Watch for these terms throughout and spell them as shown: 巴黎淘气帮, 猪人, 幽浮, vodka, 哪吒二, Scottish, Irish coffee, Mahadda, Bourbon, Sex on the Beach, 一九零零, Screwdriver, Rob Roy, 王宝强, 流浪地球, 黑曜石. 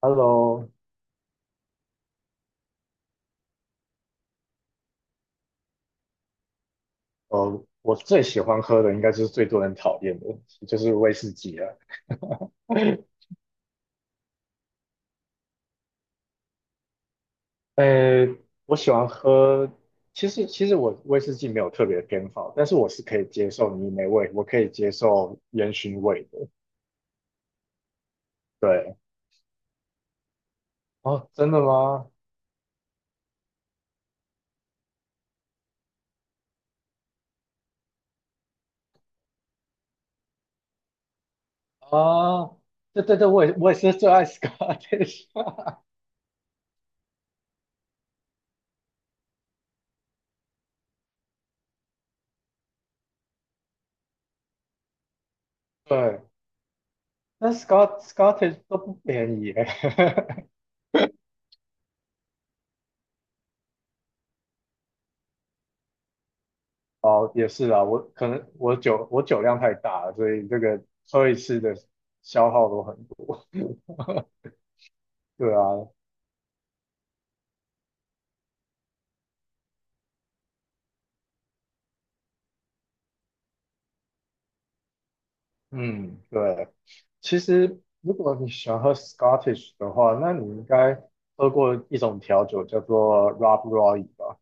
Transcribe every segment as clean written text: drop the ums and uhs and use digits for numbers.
Hello，我最喜欢喝的应该就是最多人讨厌的，就是威士忌了。呃，我喜欢喝，其实我威士忌没有特别偏好，但是我是可以接受泥煤味，我可以接受烟熏味的。对。哦，真的吗？啊，对对对，我也是最爱 Scottish。对，但 Scottish 都不便宜耶。哦，也是啊，我可能我酒量太大了，所以这个喝一次的消耗都很多。对啊。嗯，对。其实如果你喜欢喝 Scottish 的话，那你应该喝过一种调酒叫做 Rob Roy 吧？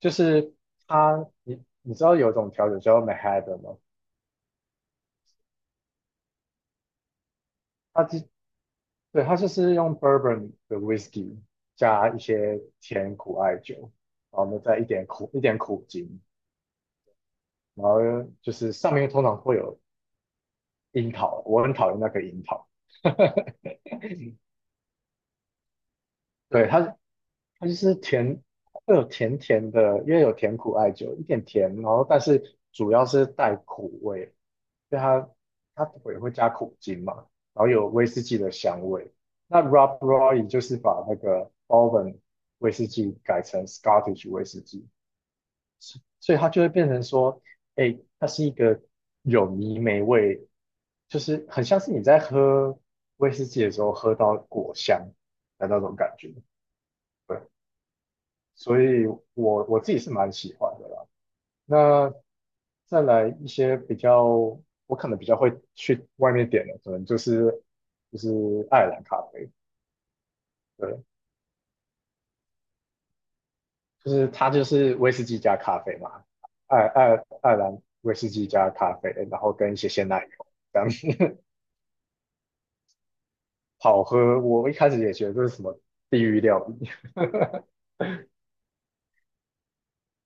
就是它，你知道有一种调酒叫做 Mahadda 吗？它就对，它就是用 Bourbon 的 Whisky 加一些甜苦艾酒，然后呢再一点苦精。然后就是上面通常会有樱桃，我很讨厌那个樱桃。对，它就是甜，会有甜甜的，因为有甜苦艾酒，一点甜，然后但是主要是带苦味，对，它也会加苦精嘛，然后有威士忌的香味。那 Rob Roy 就是把那个 Bourbon 威士忌改成 Scottish 威士忌，所以它就会变成说，哎，它是一个有泥煤味，就是很像是你在喝威士忌的时候喝到果香的那种感觉。对，所以我自己是蛮喜欢的啦。那再来一些比较，我可能比较会去外面点的，可能就是爱尔兰咖啡，对，就是它就是威士忌加咖啡嘛，爱爱爱尔兰威士忌加咖啡，然后跟一些鲜奶油这样。 好喝。我一开始也觉得这是什么地狱料理。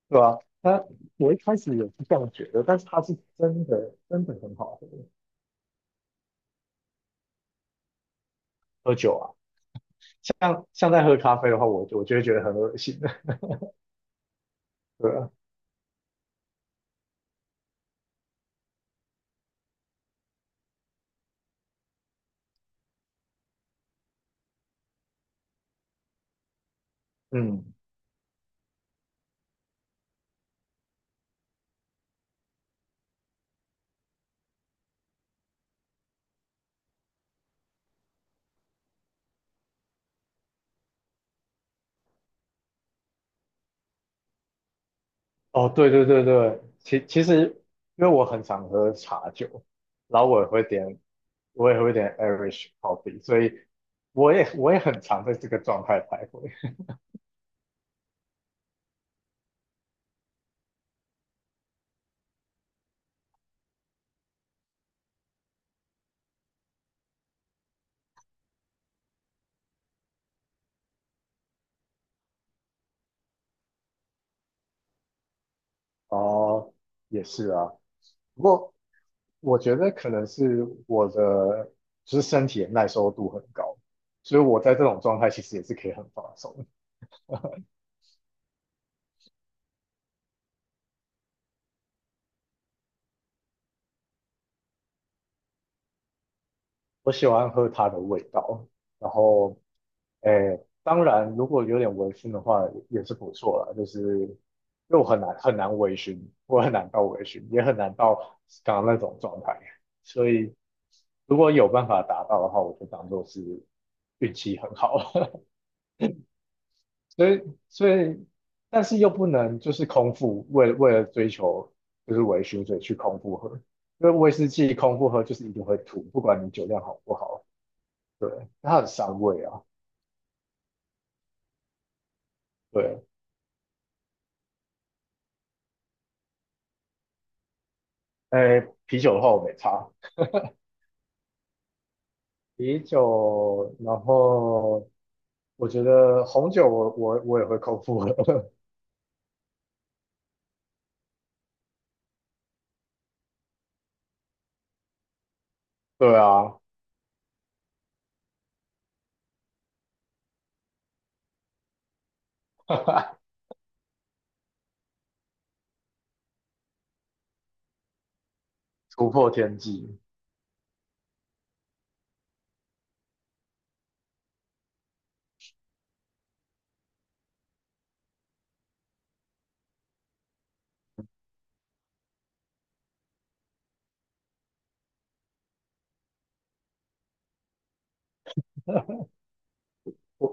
对吧？我一开始也是这样觉得，但是他是真的真的很好喝，喝酒啊，像在喝咖啡的话，我就会觉得很恶心的。对啊。嗯。哦，对对对对，其实因为我很常喝茶酒，然后我也会点 Irish coffee，所以我也很常在这个状态徘徊。哦，也是啊，不过。我觉得可能是我的就是身体的耐受度很高，所以我在这种状态其实也是可以很放松。我喜欢喝它的味道，然后诶，当然如果有点微醺的话也是不错啦，就是因为我很难很难微醺，我很难到微醺，也很难到刚刚那种状态，所以如果有办法达到的话，我就当做是运气很好。所以所以，但是又不能就是空腹，为了追求就是微醺，所以去空腹喝，因为威士忌空腹喝就是一定会吐，不管你酒量好不好，对，它很伤胃啊。对。哎，啤酒的话我没差，啤酒，然后我觉得红酒我也会空腹喝。对啊。突破天际。我。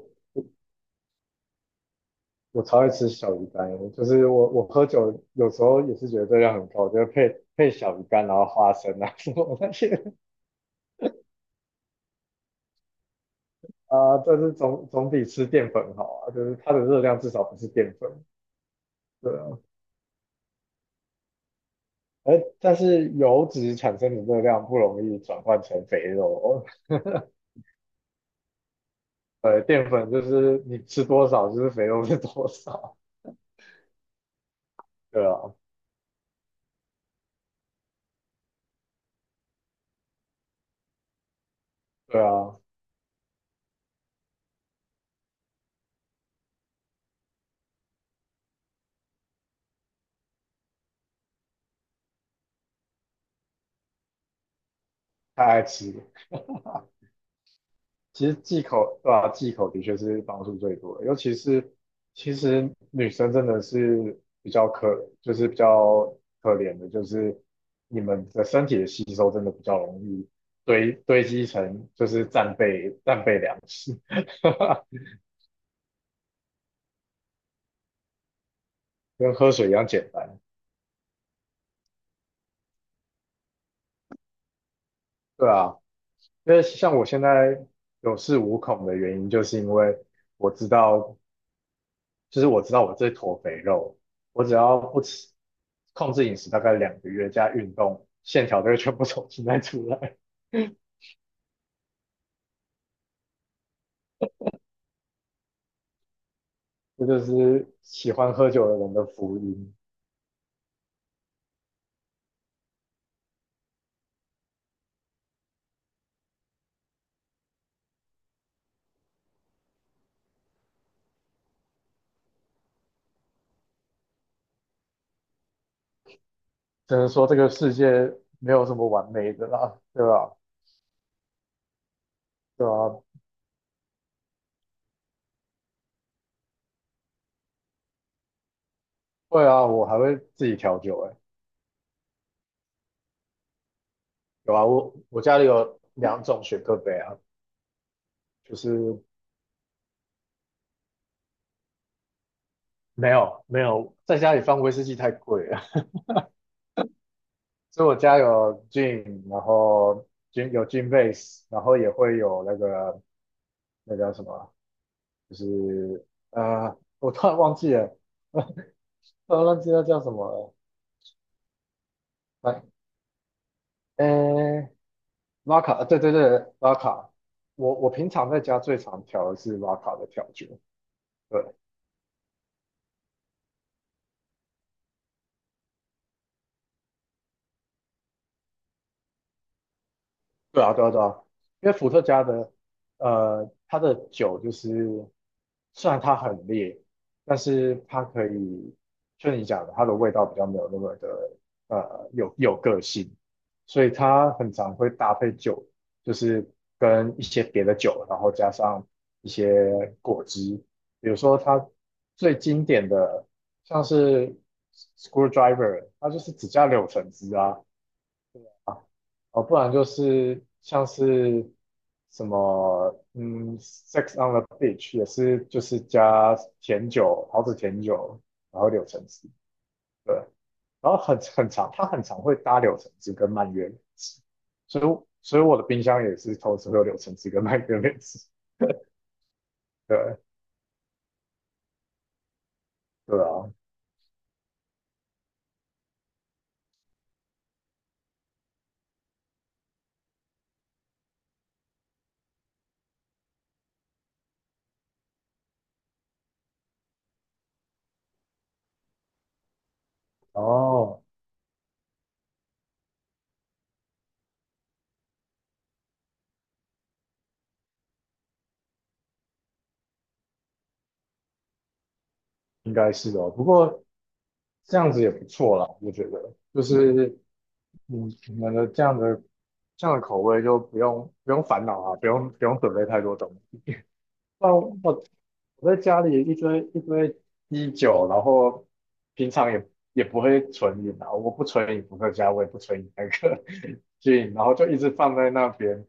我超爱吃小鱼干，就是我喝酒有时候也是觉得热量很高，就是配小鱼干，然后花生啊什么那些啊，但是总比吃淀粉好啊，就是它的热量至少不是淀粉，对啊，但是油脂产生的热量不容易转换成肥肉哦，淀粉就是你吃多少就是肥肉是多少，对啊，对啊，太爱吃了。其实忌口，对吧？忌口的确是帮助最多的，尤其是其实女生真的是比较可，就是比较可怜的，就是你们的身体的吸收真的比较容易堆积成就是战备粮食。跟喝水一样简单。对啊。因为像我现在有恃无恐的原因，就是因为我知道，就是我知道我这坨肥肉，我只要不吃，控制饮食大概两个月加运动，线条都会全部重新再出来。这就是喜欢喝酒的人的福音。只能说这个世界没有什么完美的啦，对吧？对啊，会啊，我还会自己调酒哎、欸有啊，我家里有2种雪克杯啊，就是没有，没有，在家里放威士忌太贵了。所以我家有 gin，然后 gin 有 gin base，然后也会有那个那叫什么啊就是啊我突然忘记了。突然忘记那叫什么了。来，呃，拉卡，对对对，拉卡。我平常在家最常调的是拉卡的调酒。对，对啊，对啊，对啊，因为伏特加的，它的酒就是，虽然它很烈，但是它可以，就你讲的，它的味道比较没有那么的，有个性，所以它很常会搭配酒，就是跟一些别的酒，然后加上一些果汁，比如说它最经典的像是 Screwdriver，它就是只加柳橙汁啊，哦，不然就是像是什么，Sex on the Beach 也是就是加甜酒，桃子甜酒，然后柳橙汁，对，然后很长，它很常会搭柳橙汁跟蔓越莓汁，所以我的冰箱也是同时会有柳橙汁跟蔓越莓汁。对。对啊。哦，应该是哦，不过这样子也不错啦，我觉得就是。嗯，你们的这样的口味就不用烦恼啊，不用准备太多东西。那我在家里一堆一堆啤酒，然后平常也不会存饮啊，我不存饮伏特加，我也不存饮那个 进，然后就一直放在那边。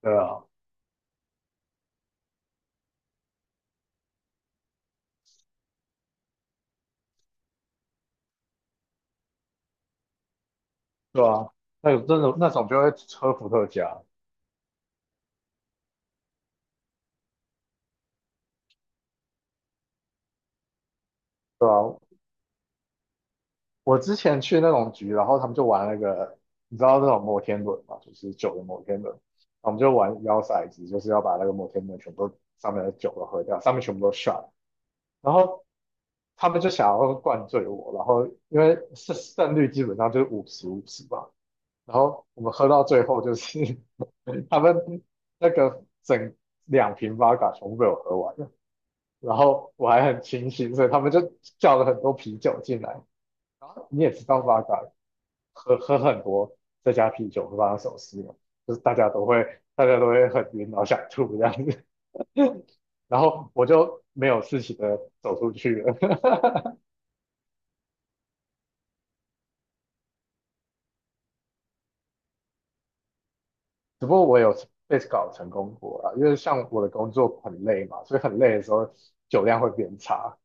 对啊，对啊，那种就会喝伏特加。对啊，我之前去那种局，然后他们就玩那个，你知道那种摩天轮嘛，就是酒的摩天轮，我们就玩摇骰子，就是要把那个摩天轮全部都上面的酒都喝掉，上面全部都 shot，然后他们就想要灌醉我，然后因为胜率基本上就是50-50吧，然后我们喝到最后就是 他们那个整2瓶 VODA 全部被我喝完了，然后我还很清醒，所以他们就叫了很多啤酒进来。然后你也知道 v 嘎，喝很多再加啤酒会发生什么事呢？就是大家都会很晕，然后想吐这样子。然后我就没有事情的走出去了。只不过我有被搞成功过啊，因为像我的工作很累嘛，所以很累的时候酒量会变差。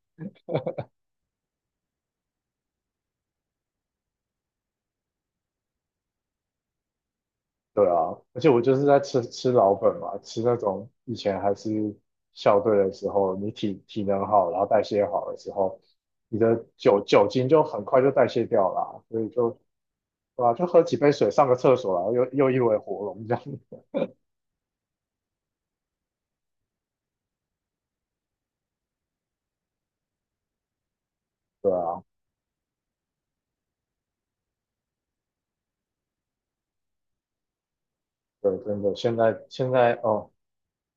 对啊，而且我就是在吃老本嘛，吃那种以前还是校队的时候，你体能好，然后代谢好的时候，你的酒精就很快就代谢掉了啊所以就对啊，就喝几杯水，上个厕所，然后又一尾活龙这样。对啊。对，真的，现在哦，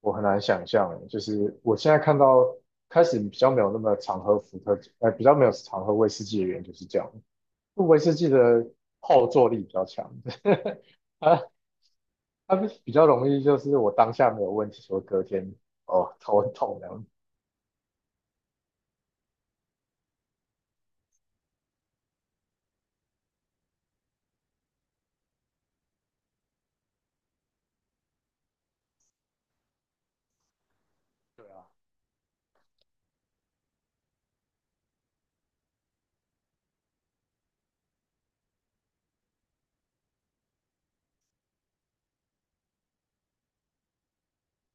我很难想象欸，就是我现在看到开始比较没有那么常喝比较没有常喝威士忌的原因就是这样，威士忌的后坐力比较强。啊，它比较容易就是我当下没有问题，说隔天哦头很痛这样。对啊，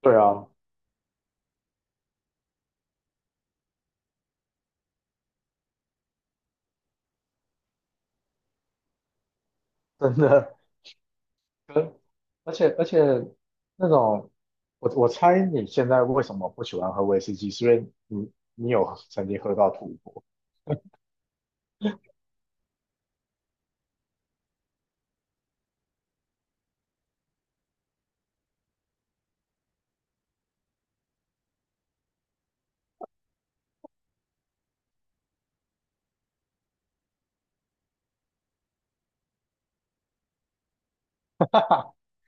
对啊，真的。跟而且那种，我猜你现在为什么不喜欢喝威士忌，是因为你有曾经喝到吐过。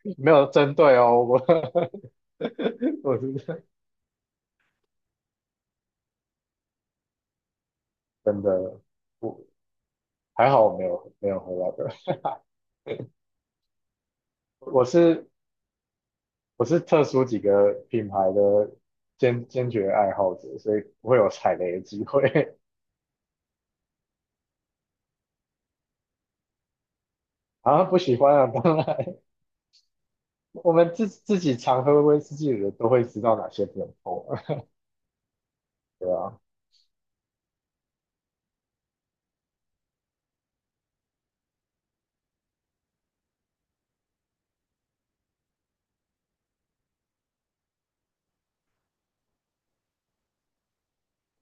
没有针对哦，我是真的，我还好我没有喝到的，我是我是特殊几个品牌的坚决爱好者，所以不会有踩雷的机会。 啊，不喜欢啊，当然。我们自己常喝威士忌的人都会知道哪些不能碰啊，对啊。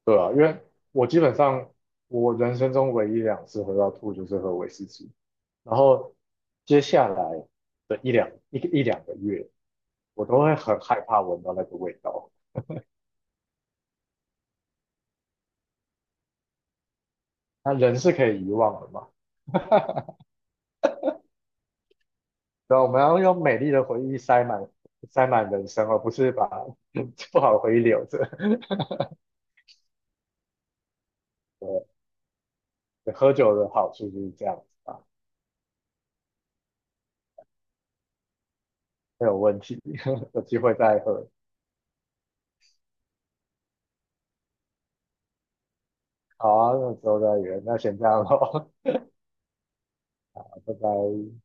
对啊，因为我基本上我人生中唯一2次喝到吐就是喝威士忌，然后接下来的一两个月，我都会很害怕闻到那个味道。那人是可以遗忘的嘛？对啊，我们要用美丽的回忆塞满人生，而不是把 不好的回忆留着。对，喝酒的好处就是这样子吧，没有问题。有机会再喝。好啊，那之后再约，那先这样咯。拜拜。